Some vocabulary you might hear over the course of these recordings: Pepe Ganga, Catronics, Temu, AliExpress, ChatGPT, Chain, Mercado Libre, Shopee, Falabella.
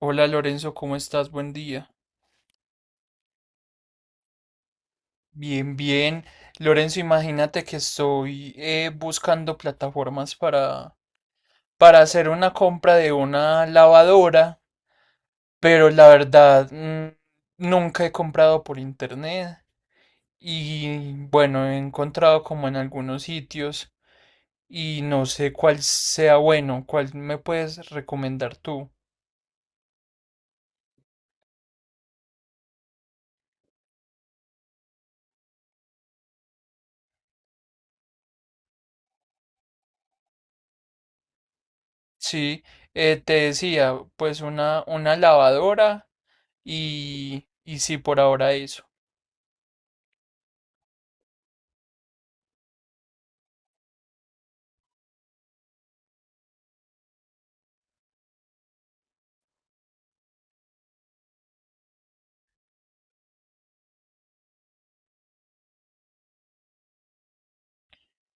Hola Lorenzo, ¿cómo estás? Buen día. Bien, bien. Lorenzo, imagínate que estoy buscando plataformas para hacer una compra de una lavadora, pero la verdad nunca he comprado por internet y bueno, he encontrado como en algunos sitios y no sé cuál sea bueno, cuál me puedes recomendar tú. Sí, te decía, pues una lavadora y sí, por ahora eso.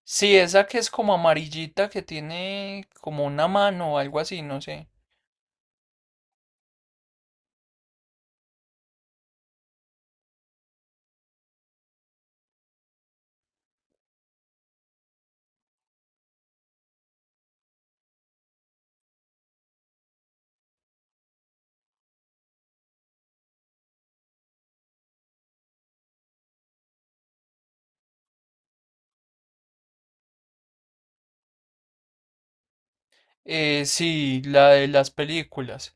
Sí, esa que es como amarillita, que tiene como una mano o algo así, no sé. Sí, la de las películas.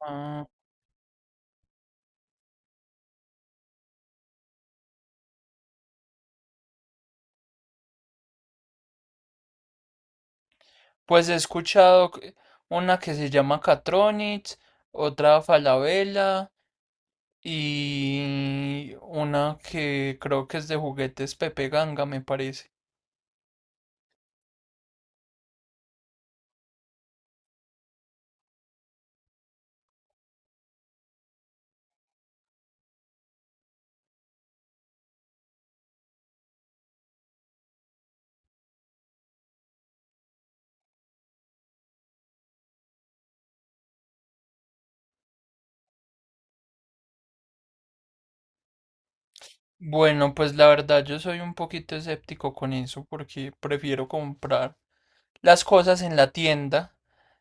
Ah, pues he escuchado, una que se llama Catronics, otra Falabella y una que creo que es de juguetes Pepe Ganga, me parece. Bueno, pues la verdad yo soy un poquito escéptico con eso porque prefiero comprar las cosas en la tienda,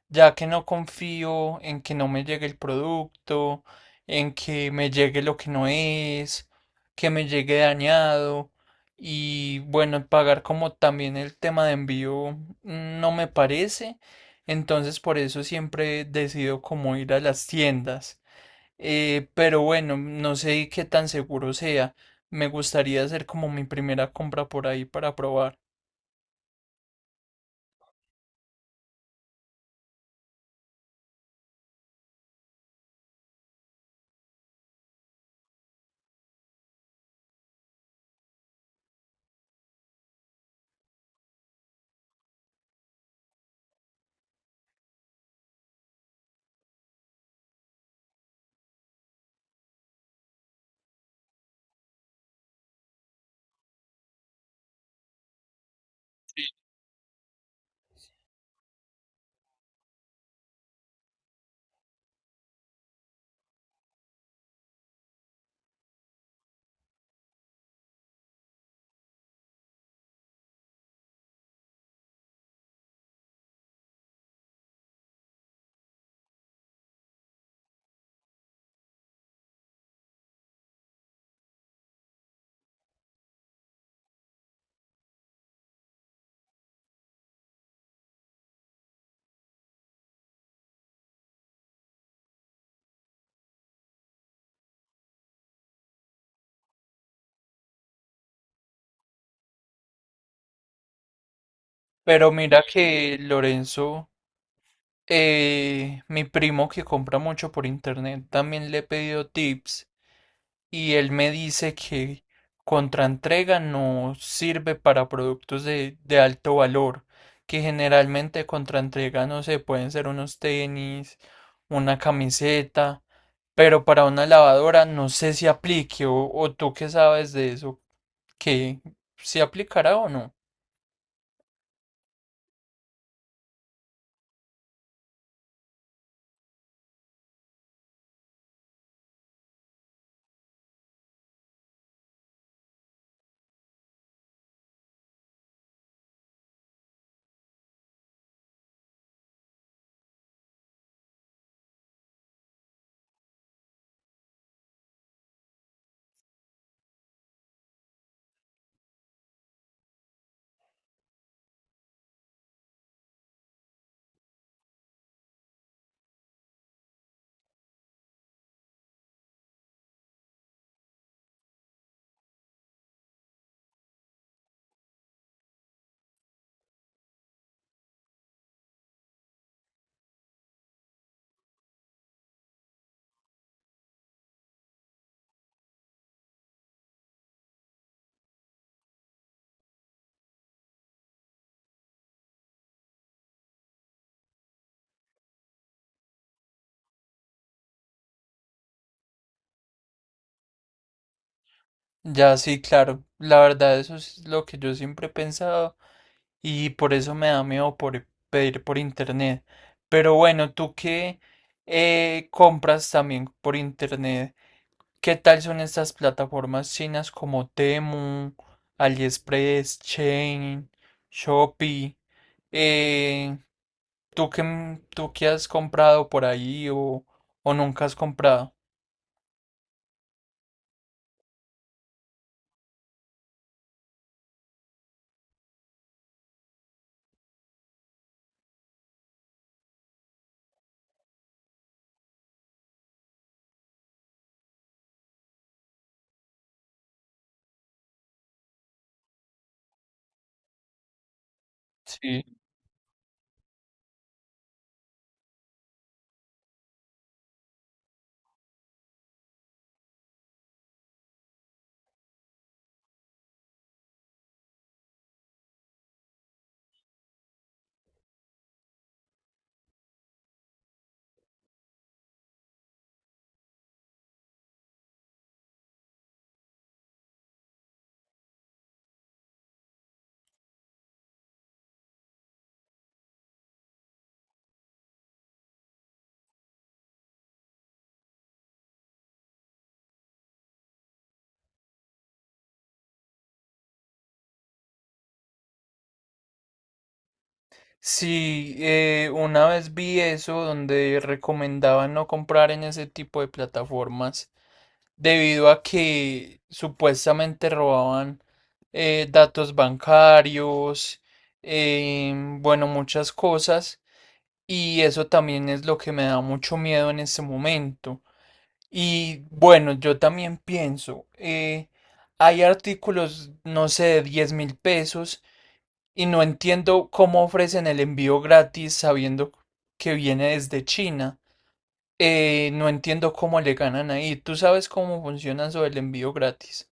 ya que no confío en que no me llegue el producto, en que me llegue lo que no es, que me llegue dañado y bueno, pagar como también el tema de envío, no me parece, entonces por eso siempre decido como ir a las tiendas. Pero bueno, no sé qué tan seguro sea. Me gustaría hacer como mi primera compra por ahí para probar. Pero mira que Lorenzo, mi primo que compra mucho por internet también le he pedido tips y él me dice que contraentrega no sirve para productos de alto valor, que generalmente contraentrega no sé, pueden ser unos tenis, una camiseta, pero para una lavadora no sé si aplique o tú qué sabes de eso, que si aplicará o no. Ya sí, claro, la verdad eso es lo que yo siempre he pensado, y por eso me da miedo por pedir por internet. Pero bueno, tú que compras también por internet, ¿qué tal son estas plataformas chinas como Temu, AliExpress, Chain, Shopee? Eh, ¿tú qué has comprado por ahí o nunca has comprado? Sí. Sí, una vez vi eso donde recomendaban no comprar en ese tipo de plataformas, debido a que supuestamente robaban datos bancarios, bueno, muchas cosas, y eso también es lo que me da mucho miedo en este momento. Y bueno, yo también pienso, hay artículos, no sé, de 10.000 pesos, y no entiendo cómo ofrecen el envío gratis sabiendo que viene desde China. No entiendo cómo le ganan ahí. ¿Tú sabes cómo funciona eso del envío gratis?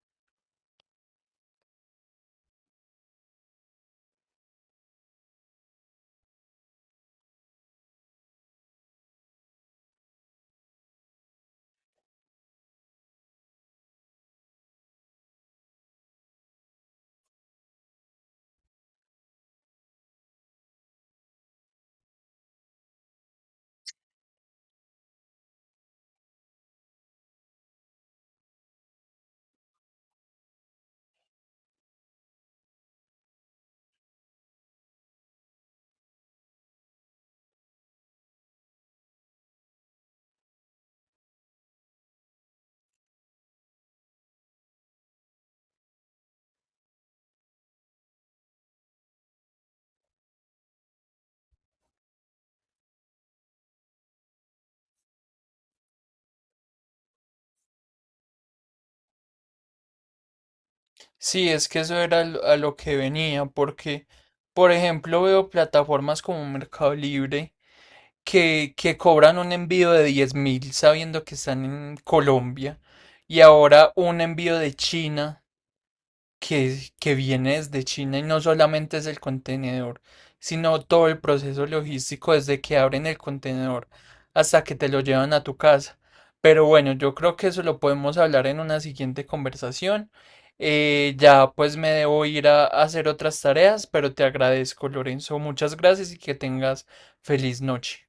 Sí, es que eso era a lo que venía, porque, por ejemplo, veo plataformas como Mercado Libre que cobran un envío de 10.000 sabiendo que están en Colombia y ahora un envío de China que viene desde China y no solamente es el contenedor, sino todo el proceso logístico desde que abren el contenedor hasta que te lo llevan a tu casa. Pero bueno, yo creo que eso lo podemos hablar en una siguiente conversación. Ya pues me debo ir a hacer otras tareas, pero te agradezco, Lorenzo. Muchas gracias y que tengas feliz noche.